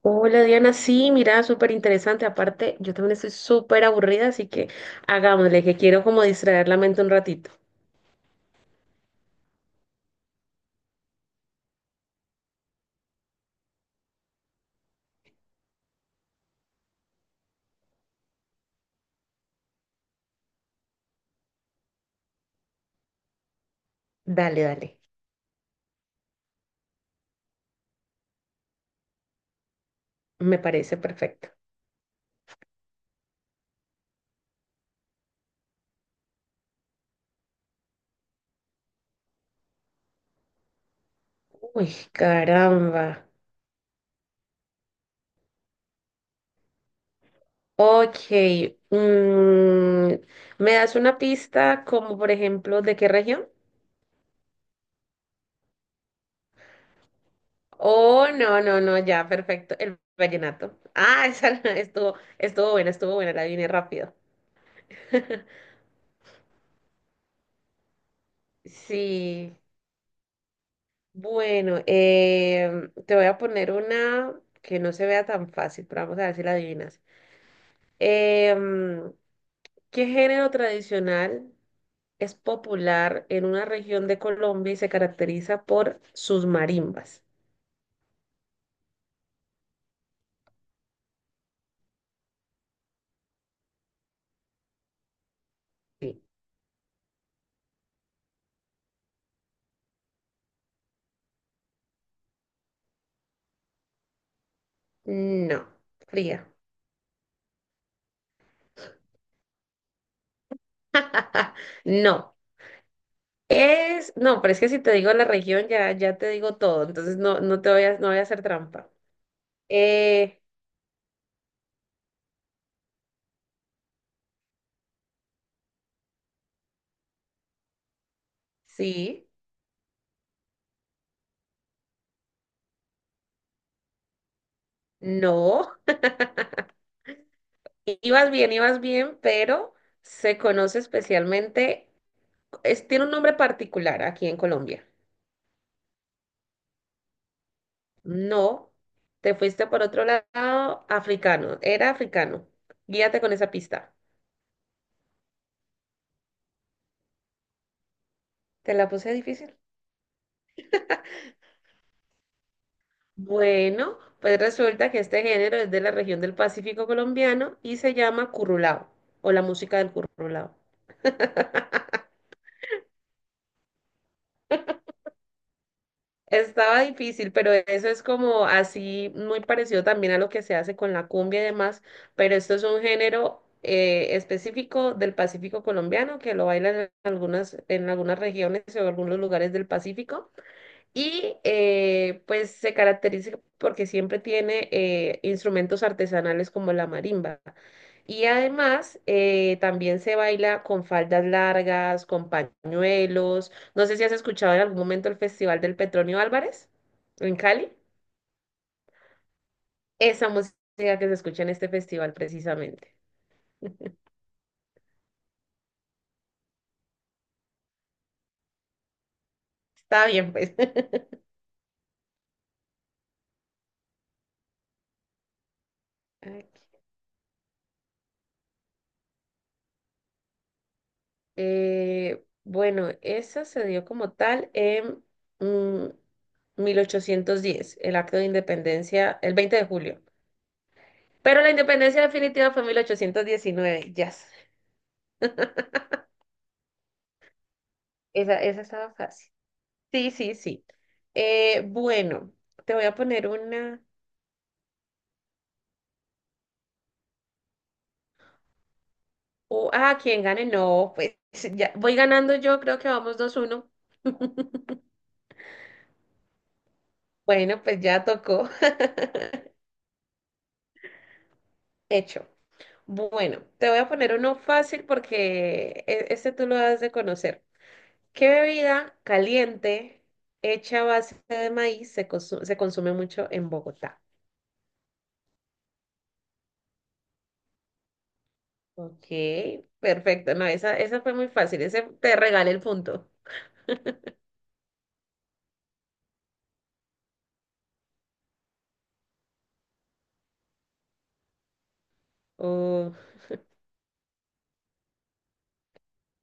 Hola Diana, sí, mira, súper interesante. Aparte, yo también estoy súper aburrida, así que hagámosle, que quiero como distraer la mente un ratito. Dale, dale. Me parece perfecto. Uy, caramba. Ok, mm, ¿me das una pista como por ejemplo de qué región? Oh, no, no, no, ya, perfecto. El vallenato. Ah, esa estuvo buena, la vine rápido. Sí. Bueno, te voy a poner una que no se vea tan fácil, pero vamos a ver si la adivinas. Em, ¿qué género tradicional es popular en una región de Colombia y se caracteriza por sus marimbas? Sí. No, fría. No. No, pero es que si te digo la región ya, ya te digo todo, entonces no, no voy a hacer trampa. Eh, sí, no. Ibas bien, pero se conoce especialmente, tiene un nombre particular aquí en Colombia. No, te fuiste por otro lado, africano, era africano. Guíate con esa pista. ¿Te la puse difícil? Bueno, pues resulta que este género es de la región del Pacífico colombiano y se llama currulao o la música del currulao. Estaba difícil, pero eso es como así, muy parecido también a lo que se hace con la cumbia y demás, pero esto es un género específico del Pacífico colombiano que lo bailan en algunas regiones o algunos lugares del Pacífico. Y pues se caracteriza porque siempre tiene instrumentos artesanales como la marimba. Y además también se baila con faldas largas, con pañuelos. No sé si has escuchado en algún momento el Festival del Petronio Álvarez en Cali. Esa música que se escucha en este festival precisamente. Está bien, pues. Ay. Bueno, esa se dio como tal en... mm, 1810, el acto de independencia, el 20 de julio. Pero la independencia definitiva fue en 1819, ya. Yes. Esa estaba fácil. Sí, sí, sí. Bueno, te voy a poner una. O quién gane, no, pues, ya voy ganando yo, creo que vamos 2-1. Bueno, pues ya tocó. Hecho. Bueno, te voy a poner uno fácil porque este tú lo has de conocer. ¿Qué bebida caliente hecha a base de maíz se consume mucho en Bogotá? Ok, perfecto. No, esa fue muy fácil. Ese te regalé el punto. Oh,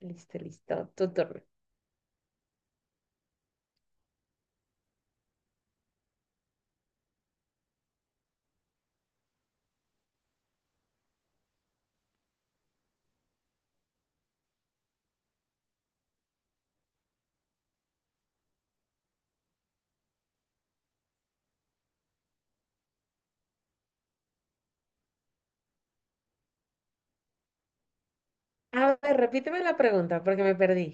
listo, listo. Tu turno. A ver, repíteme la pregunta porque me perdí.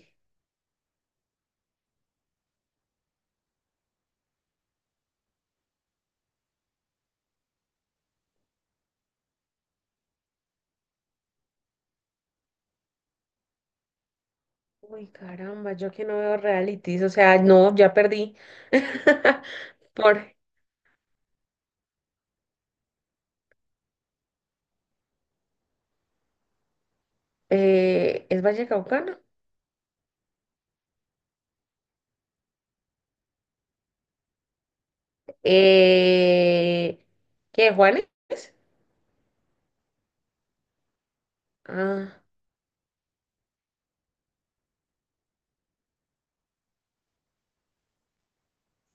Uy, caramba, yo que no veo realities. O sea, no, ya perdí. Por, ¿es Vallecaucano? Eh, ¿Qué, Juanes? Ah.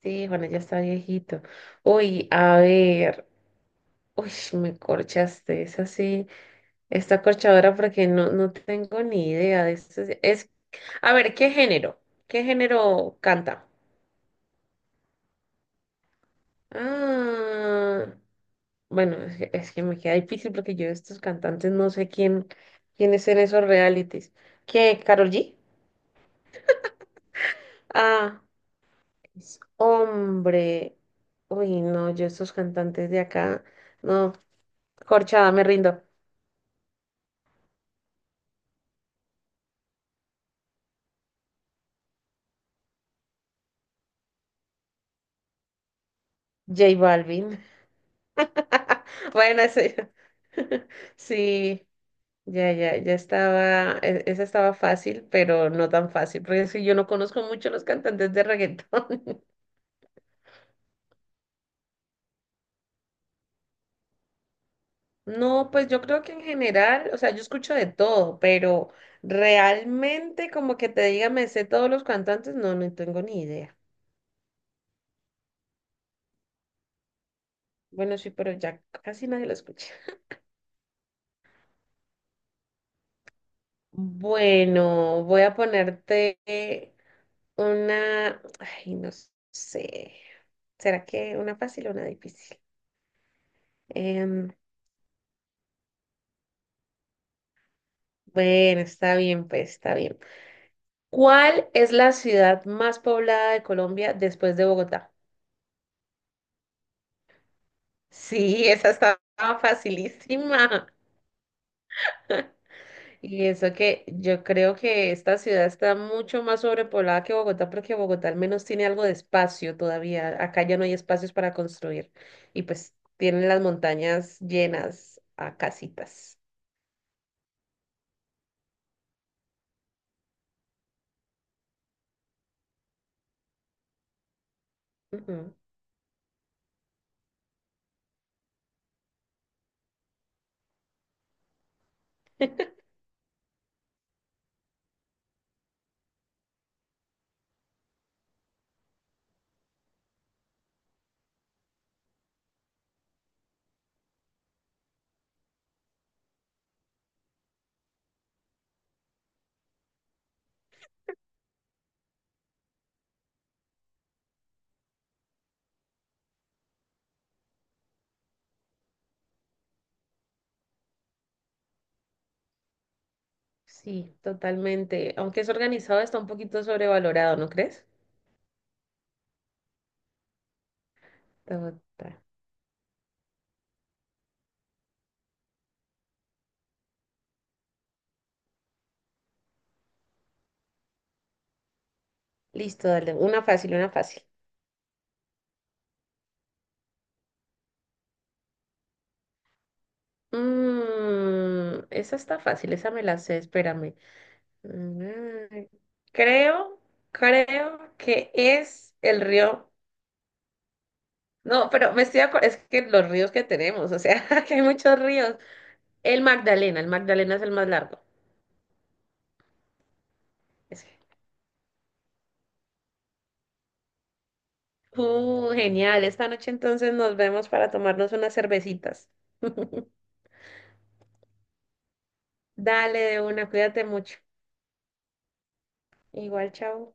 Sí, bueno, ya está viejito. Uy, a ver. Uy, me corchaste. Es así, esta corchadora porque no, no tengo ni idea de esto. A ver, ¿qué género? ¿Qué género canta? Ah, bueno, es que me queda difícil porque yo de estos cantantes no sé quién es en esos realities. ¿Qué, Karol G? Ah, es hombre. Uy, no, yo estos cantantes de acá, no, corchada, me rindo. J Balvin. Bueno, eso. Sí, ya, ya, ya esa estaba fácil, pero no tan fácil, porque es que yo no conozco mucho los cantantes de reggaetón. No, pues yo creo que en general, o sea, yo escucho de todo, pero realmente como que te diga, me sé todos los cantantes, no, no tengo ni idea. Bueno, sí, pero ya casi nadie lo escucha. Bueno, voy a ponerte una, ay, no sé. ¿Será que una fácil o una difícil? Em, bueno, está bien, pues está bien. ¿Cuál es la ciudad más poblada de Colombia después de Bogotá? Sí, esa estaba facilísima. Y eso que yo creo que esta ciudad está mucho más sobrepoblada que Bogotá, porque Bogotá al menos tiene algo de espacio todavía. Acá ya no hay espacios para construir. Y pues tienen las montañas llenas a casitas. Ujú. Sí, totalmente. Aunque es organizado, está un poquito sobrevalorado, ¿no crees? Ta, ta. Listo, dale. Una fácil, una fácil. Esa está fácil, esa me la sé, espérame. Mm, Creo, creo que es el río. No, pero me estoy acordando, es que los ríos que tenemos, o sea, que hay muchos ríos. El Magdalena es el más largo. Ese. Genial. Esta noche entonces nos vemos para tomarnos unas cervecitas. Dale de una, cuídate mucho. Igual, chao.